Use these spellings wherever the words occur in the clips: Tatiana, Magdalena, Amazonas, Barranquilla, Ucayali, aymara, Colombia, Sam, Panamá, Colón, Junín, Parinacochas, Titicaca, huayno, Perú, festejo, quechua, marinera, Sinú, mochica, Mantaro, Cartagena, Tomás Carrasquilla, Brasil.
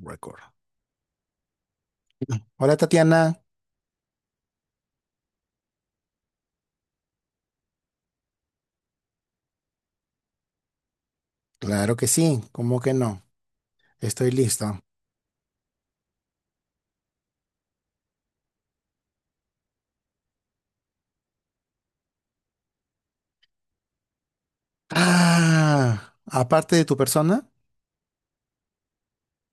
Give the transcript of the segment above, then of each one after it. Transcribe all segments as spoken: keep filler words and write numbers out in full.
Record. Hola Tatiana, claro que sí, ¿cómo que no? Estoy listo. Ah, aparte de tu persona,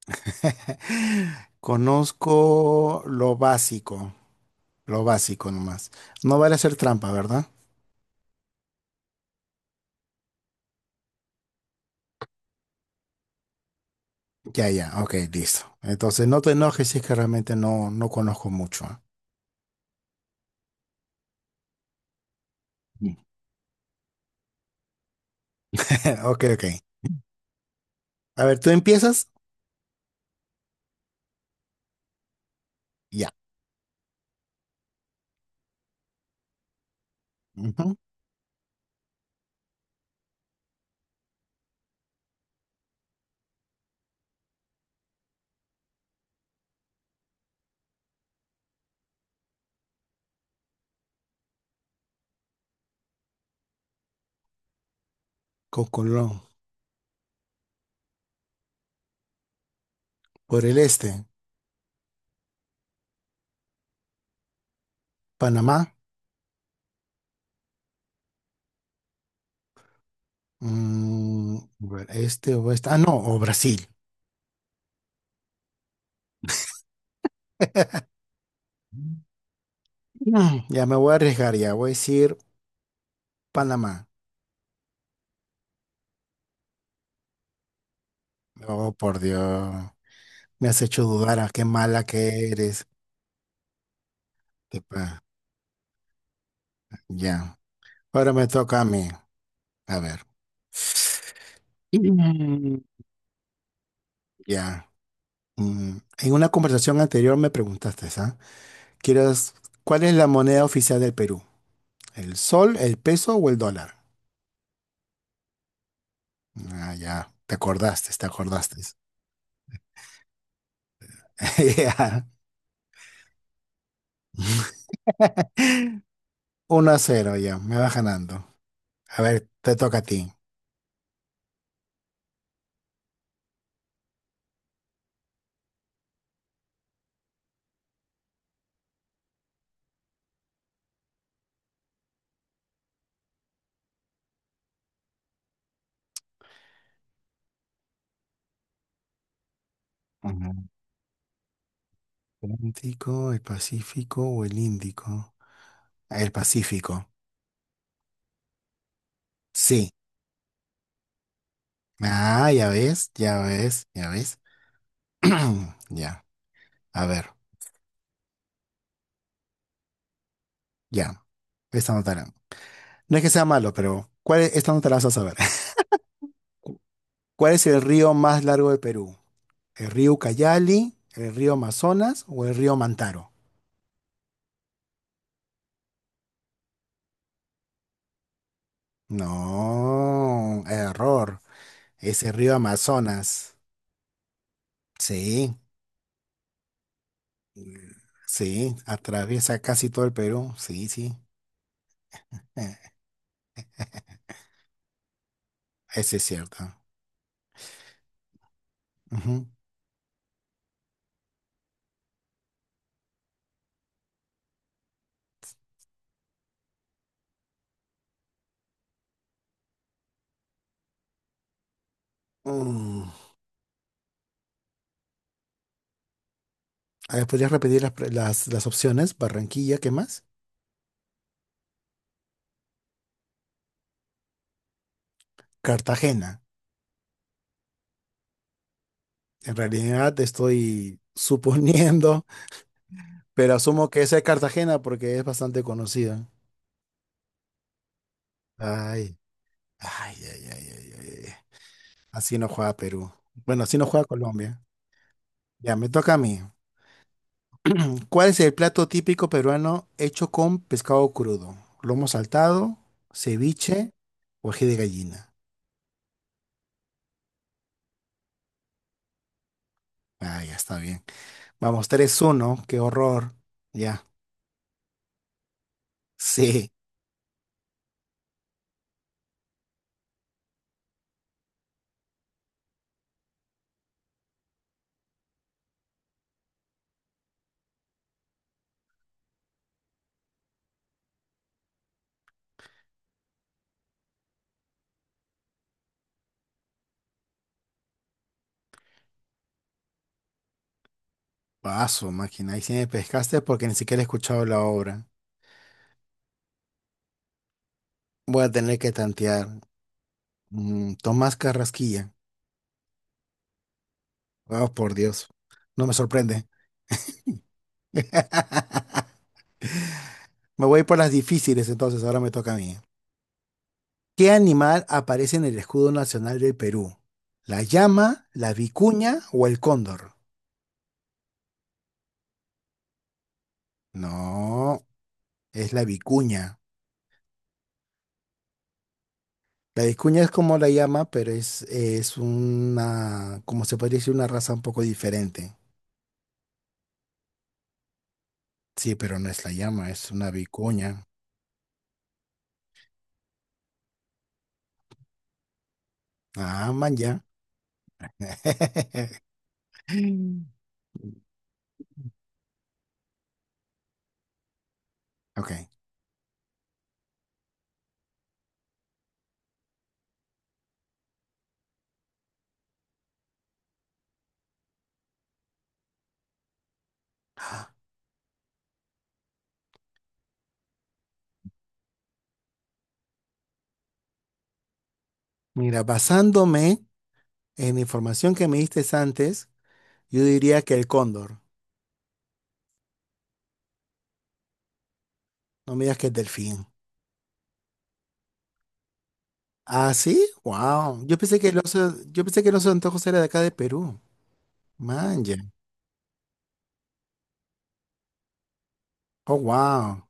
conozco lo básico, lo básico nomás. No vale hacer trampa, ¿verdad? Ya, ya, ok, listo. Entonces no te enojes si es que realmente no, no conozco mucho. ¿Ah? Mm. Ok, ok. A ver, ¿tú empiezas? Ya. Ujú. Con Colón. Por el este, Panamá, mm, a ver, este o este. Ah, no, o Brasil. Mm, Ya me voy a arriesgar, ya voy a decir Panamá. Oh, por Dios. Me has hecho dudar, ah, qué mala que eres. Qué pa- Ya. Ahora me toca a mí. A ver. Mm. Ya. Mm, En una conversación anterior me preguntaste, ¿ah? ¿Quieres, ¿Cuál es la moneda oficial del Perú? ¿El sol, el peso o el dólar? Ah, ya. Te acordaste, te acordaste. Ya. Uno a cero, ya. Me va ganando. A ver, te toca a ti. Ajá. Atlántico, el Pacífico o el Índico. Ah, el Pacífico. Sí. Ah, ya ves, ya ves, ya ves. Ya, a ver, ya. Esta no te la- No es que sea malo, pero ¿cuál es- esta no te la vas a saber. Cu- ¿Cuál es el río más largo de Perú? ¿El río Ucayali, el río Amazonas o el río Mantaro? No, error. Es el río Amazonas. Sí. Sí, atraviesa casi todo el Perú. Sí, sí. Eh, Ese es cierto. Ujú. Mm. A ver, ¿podrías repetir las, pre- las, las opciones? Barranquilla, ¿qué más? Cartagena. En realidad estoy suponiendo, pero asumo que esa es Cartagena porque es bastante conocida. Ay, ay, ay, ay, ay, ay, ay. Así no juega Perú. Bueno, así no juega Colombia. Ya, me toca a mí. ¿Cuál es el plato típico peruano hecho con pescado crudo? Lomo saltado, ceviche o ají de gallina. Ah, ya está bien. Vamos, tres uno, qué horror. Ya, sí. Paso, máquina. Ahí sí me pescaste porque ni siquiera he escuchado la obra. Voy a tener que tantear. Mm, Tomás Carrasquilla. Oh, por Dios. No me sorprende. Me voy por las difíciles entonces, ahora me toca a mí. ¿Qué animal aparece en el escudo nacional del Perú? ¿La llama, la vicuña o el cóndor? No, es la vicuña. La vicuña es como la llama, pero es, es una, como se podría decir, una raza un poco diferente. Sí, pero no es la llama, es una vicuña. Ah, man, ya. Ok. Mira, basándome en la información que me diste antes, yo diría que el cóndor. No me digas que el delfín. Ah, sí, wow. Yo pensé que el oso, yo pensé que el oso de antojos era de acá de Perú. Manja. Oh, wow.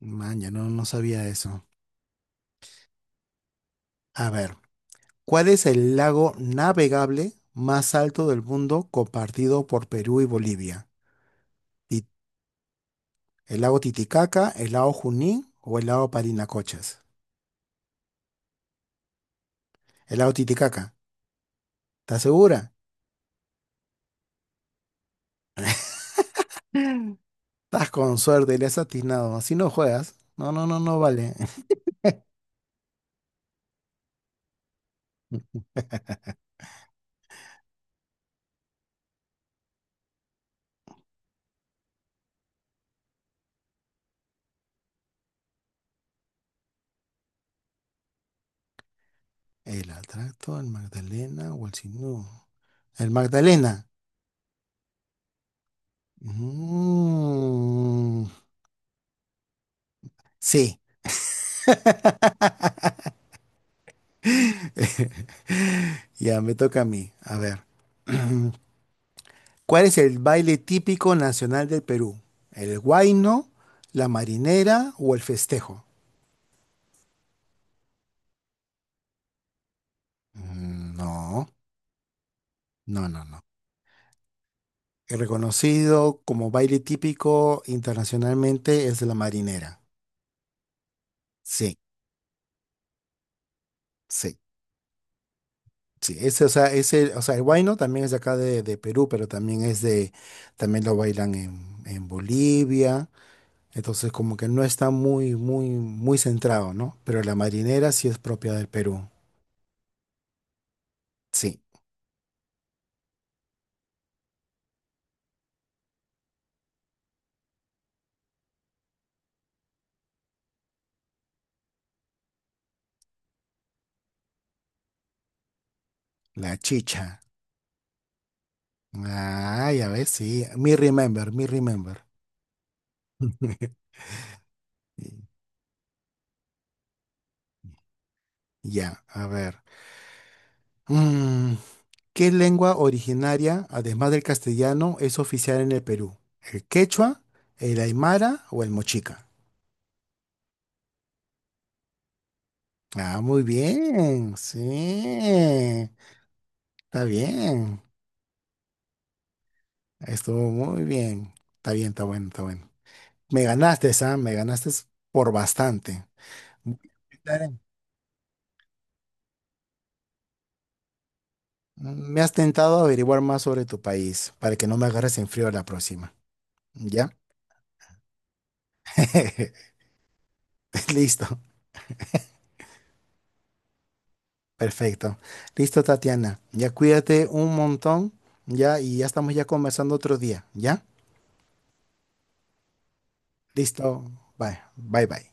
Manja, no, no sabía eso. A ver, ¿cuál es el lago navegable más alto del mundo compartido por Perú y Bolivia? Ti- ¿El lago Titicaca, el lago Junín o el lago Parinacochas? El lago Titicaca, ¿estás segura? Estás con suerte, le has atinado. Así no juegas. No, no, no, no vale. ¿El atracto, el Magdalena o el Sinú? El Magdalena. Mm, sí. Ya, me toca a mí. A ver. ¿Cuál es el baile típico nacional del Perú? ¿El huayno, la marinera o el festejo? Mm, no, no, no, no. El reconocido como baile típico internacionalmente es la marinera. Sí, sí. Sí, ese, o sea, ese, o sea, el huayno también es de acá de, de Perú, pero también es de, también lo bailan en, en Bolivia. Entonces, como que no está muy, muy, muy centrado, ¿no? Pero la marinera sí es propia del Perú. Sí, la chicha. Ah, ya ves, sí. Me remember, me remember. Ya, a ver. Mm, ¿Qué lengua originaria, además del castellano, es oficial en el Perú? ¿El quechua, el aymara o el mochica? Ah, muy bien, sí, está bien, estuvo muy bien, está bien, está bueno, está bueno. Me ganaste, Sam, me ganaste por bastante. Voy a intentar- Me has tentado a averiguar más sobre tu país para que no me agarres en frío la próxima, ¿ya? Listo, perfecto. Listo, Tatiana, ya cuídate un montón, ya, y ya estamos ya conversando otro día, ¿ya? Listo, bye, bye, bye.